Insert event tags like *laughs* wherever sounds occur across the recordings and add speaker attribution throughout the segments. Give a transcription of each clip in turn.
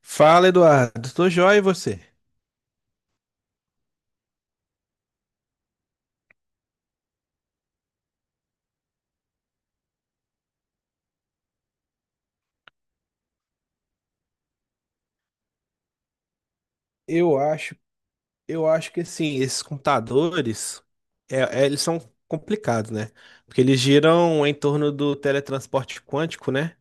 Speaker 1: Fala, Eduardo. Tô joia e você? Eu acho, eu acho que assim, esses computadores, eles são complicados, né? Porque eles giram em torno do teletransporte quântico, né?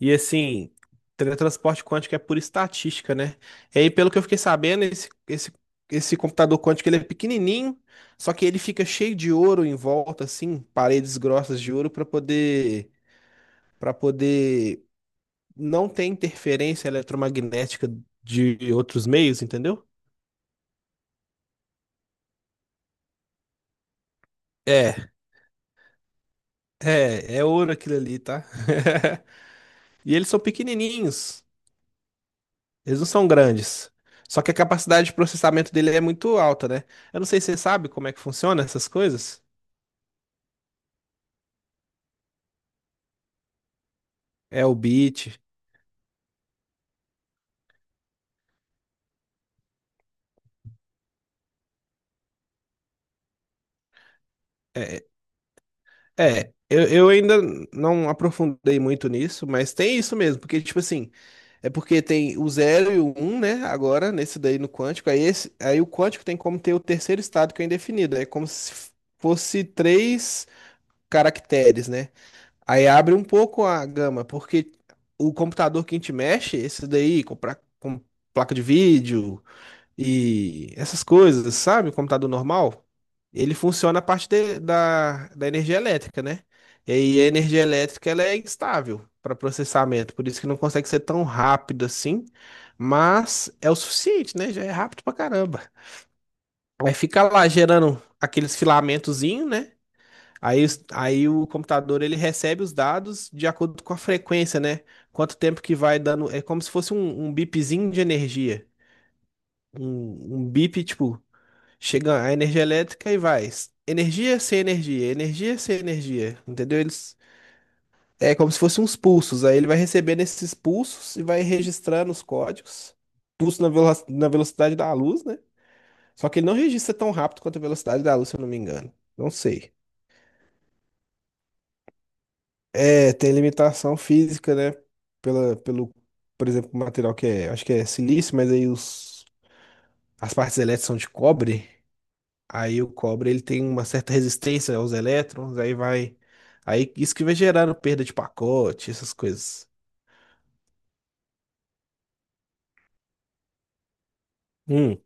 Speaker 1: E assim, teletransporte quântico é por estatística, né? E aí, pelo que eu fiquei sabendo, esse computador quântico ele é pequenininho, só que ele fica cheio de ouro em volta, assim, paredes grossas de ouro para poder não tem interferência eletromagnética de outros meios, entendeu? É, é ouro aquilo ali, tá? *laughs* E eles são pequenininhos, eles não são grandes. Só que a capacidade de processamento dele é muito alta, né? Eu não sei se você sabe como é que funciona essas coisas. É o bit. É, é eu ainda não aprofundei muito nisso, mas tem isso mesmo, porque, tipo assim, é porque tem o zero e o um, né? Agora, nesse daí no quântico, aí o quântico tem como ter o terceiro estado que é indefinido. É como se fosse três caracteres, né? Aí abre um pouco a gama, porque o computador que a gente mexe, esse daí, com placa de vídeo, e essas coisas, sabe? O computador normal, ele funciona a partir da energia elétrica, né? E aí a energia elétrica ela é instável para processamento, por isso que não consegue ser tão rápido assim, mas é o suficiente, né? Já é rápido pra caramba. Aí fica lá gerando aqueles filamentozinho, né? Aí o computador ele recebe os dados de acordo com a frequência, né? Quanto tempo que vai dando. É como se fosse um bipzinho de energia. Um bip, tipo, chega a energia elétrica e vai. Energia sem energia, entendeu? Eles, é como se fossem uns pulsos. Aí ele vai recebendo esses pulsos e vai registrando os códigos. Na velocidade da luz, né? Só que ele não registra tão rápido quanto a velocidade da luz, se eu não me engano. Não sei. É, tem limitação física, né? Pelo, por exemplo, o material que é, acho que é silício, mas aí os, as partes elétricas são de cobre. Aí o cobre ele tem uma certa resistência aos elétrons, aí vai. Aí isso que vai gerando perda de pacote, essas coisas. Hum,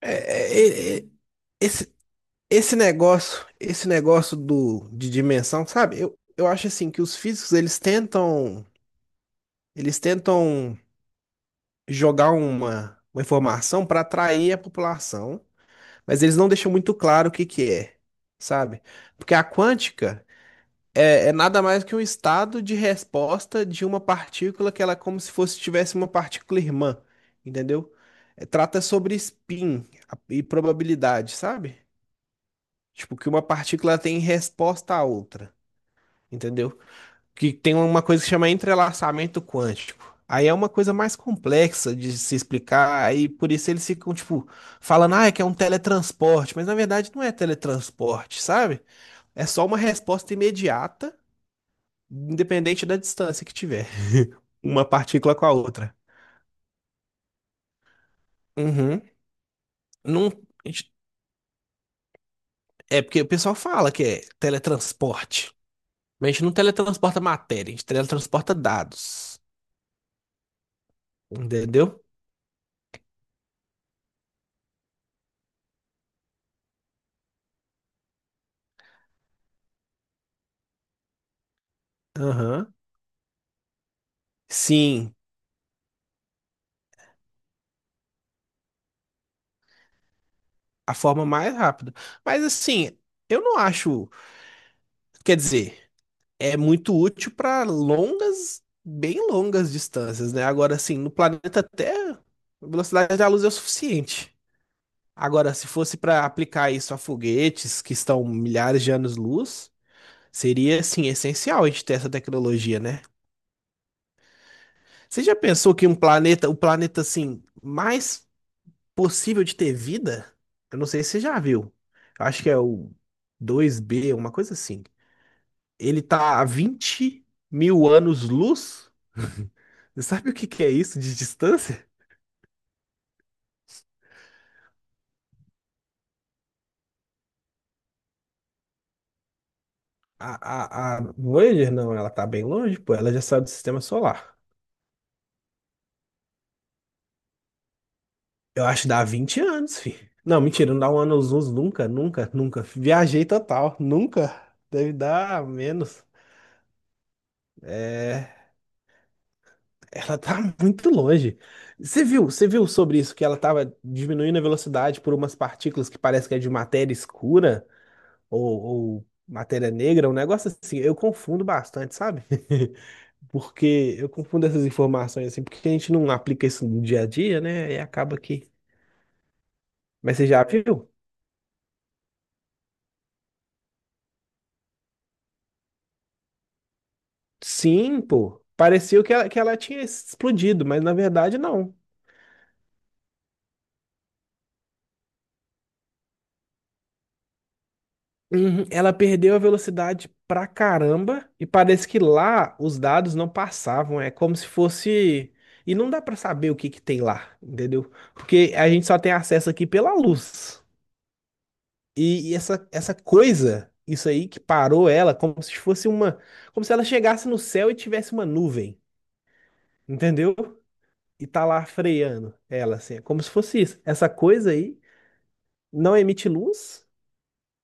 Speaker 1: É, é, é, é, esse, esse negócio, de dimensão, sabe? Eu acho assim que os físicos eles tentam jogar uma informação para atrair a população, mas eles não deixam muito claro o que que é, sabe? Porque a quântica é, é nada mais que um estado de resposta de uma partícula que ela é como se fosse tivesse uma partícula irmã, entendeu? Trata sobre spin e probabilidade, sabe? Tipo, que uma partícula tem resposta à outra, entendeu? Que tem uma coisa que chama entrelaçamento quântico. Aí é uma coisa mais complexa de se explicar, aí por isso eles ficam, tipo, falando, ah, é que é um teletransporte, mas na verdade não é teletransporte, sabe? É só uma resposta imediata independente da distância que tiver, uma partícula com a outra. Uhum. Não, a gente- é porque o pessoal fala que é teletransporte, mas a gente não teletransporta matéria, a gente teletransporta dados, entendeu? Aham. Sim, a forma mais rápida. Mas assim, eu não acho, quer dizer, é muito útil para longas, bem longas distâncias, né? Agora, assim, no planeta Terra, a velocidade da luz é o suficiente. Agora, se fosse para aplicar isso a foguetes que estão milhares de anos-luz, seria assim essencial a gente ter essa tecnologia, né? Você já pensou que um planeta, o planeta assim mais possível de ter vida? Eu não sei se você já viu. Eu acho que é o dois b uma coisa assim. Ele tá a 20 mil anos-luz. Você sabe o que que é isso de distância? A Voyager, não, ela tá bem longe, pô. Ela já saiu do sistema solar. Eu acho que dá 20 anos, fi. Não, mentira, não dá um ano aos uns nunca, nunca, nunca. Viajei total, nunca. Deve dar menos. É, ela tá *laughs* muito longe. Você viu sobre isso que ela tava diminuindo a velocidade por umas partículas que parece que é de matéria escura ou matéria negra, um negócio assim. Eu confundo bastante, sabe? *laughs* Porque eu confundo essas informações assim, porque a gente não aplica isso no dia a dia, né? E acaba que. Mas você já viu? Sim, pô. Parecia que ela tinha explodido, mas na verdade não. Uhum. Ela perdeu a velocidade pra caramba e parece que lá os dados não passavam. É como se fosse. E não dá pra saber o que que tem lá, entendeu? Porque a gente só tem acesso aqui pela luz. Essa coisa, isso aí que parou ela, como se fosse uma. Como se ela chegasse no céu e tivesse uma nuvem, entendeu? E tá lá freando ela, assim. É como se fosse isso. Essa coisa aí não emite luz,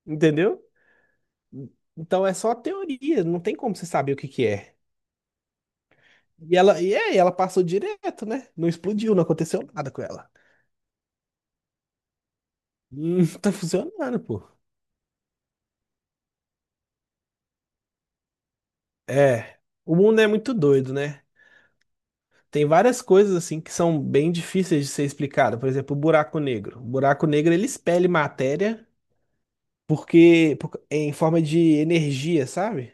Speaker 1: entendeu? Então é só teoria, não tem como você saber o que que é. E ela, e é, ela passou direto, né? Não explodiu, não aconteceu nada com ela. *laughs* Tá funcionando, pô. É, o mundo é muito doido, né? Tem várias coisas assim que são bem difíceis de ser explicado. Por exemplo, o buraco negro. O buraco negro ele expele matéria em forma de energia, sabe?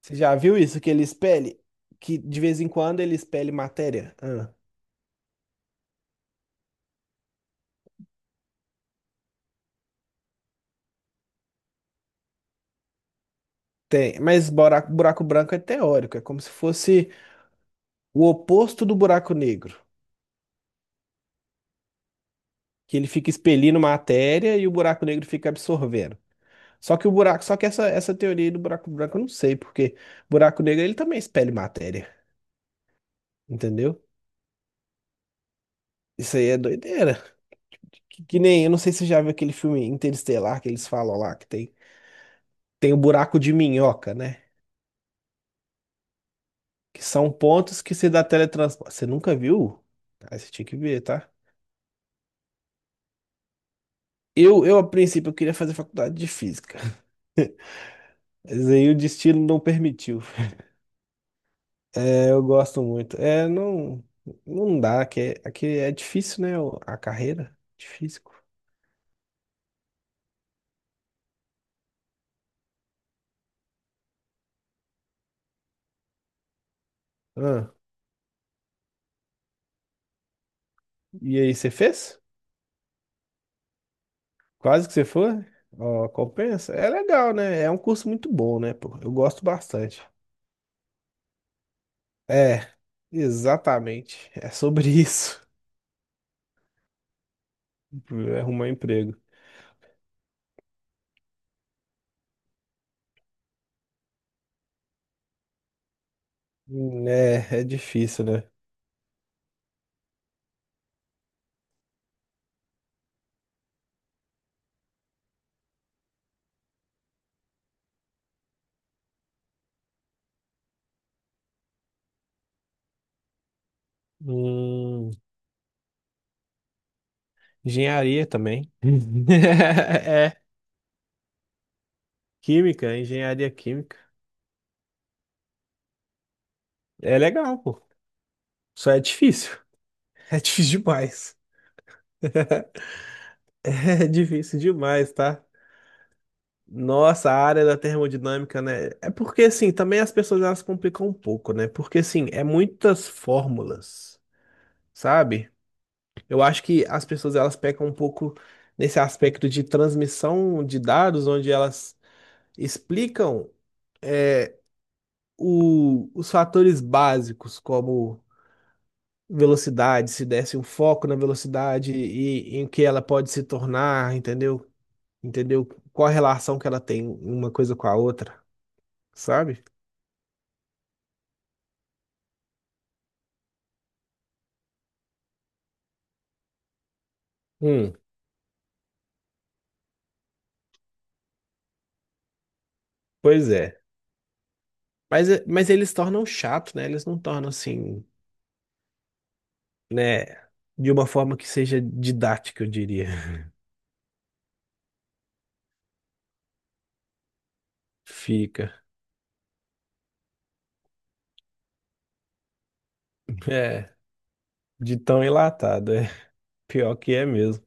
Speaker 1: Você já viu isso que ele expele? Que de vez em quando ele expele matéria? Ah. Tem, mas buraco branco é teórico, é como se fosse o oposto do buraco negro, que ele fica expelindo matéria e o buraco negro fica absorvendo. Só que essa teoria do buraco branco eu não sei, porque buraco negro ele também expele matéria, entendeu? Isso aí é doideira. Que nem, eu não sei se você já viu aquele filme Interestelar que eles falam lá que tem o buraco de minhoca, né? Que são pontos que se dá teletransporte. Você nunca viu? Ah, você tinha que ver, tá? Eu a princípio eu queria fazer faculdade de física. Mas aí o destino não permitiu. *laughs* É, eu gosto muito. Não dá, aqui é difícil, né? A carreira. Difícil. Ah, e aí, você fez? Quase que você foi? Ó, compensa. É legal, né? É um curso muito bom, né, pô? Eu gosto bastante. É, exatamente. É sobre isso. *laughs* Arrumar emprego. Hum. É, é difícil, né? Hum, engenharia também. *laughs* É. Química, engenharia química. É legal, pô. Só é difícil. *laughs* É difícil demais. *laughs* É difícil demais, tá? Nossa, a área da termodinâmica, né? É porque, assim, também as pessoas elas complicam um pouco, né? Porque, assim, é muitas fórmulas, sabe? Eu acho que as pessoas elas pecam um pouco nesse aspecto de transmissão de dados, onde elas explicam é, os fatores básicos, como velocidade, se desse um foco na velocidade e em que ela pode se tornar, entendeu? Entendeu? Qual a relação que ela tem uma coisa com a outra, sabe? Hum, pois é. Mas eles tornam chato, né? Eles não tornam assim, né? De uma forma que seja didática, eu diria. *laughs* Fica. É, de tão enlatado, é. Pior que é mesmo.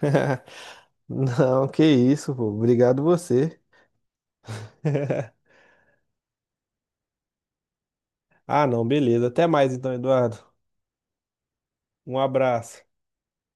Speaker 1: *laughs* Não, que isso, pô. Obrigado você. *laughs* Ah, não, beleza. Até mais então, Eduardo. Um abraço.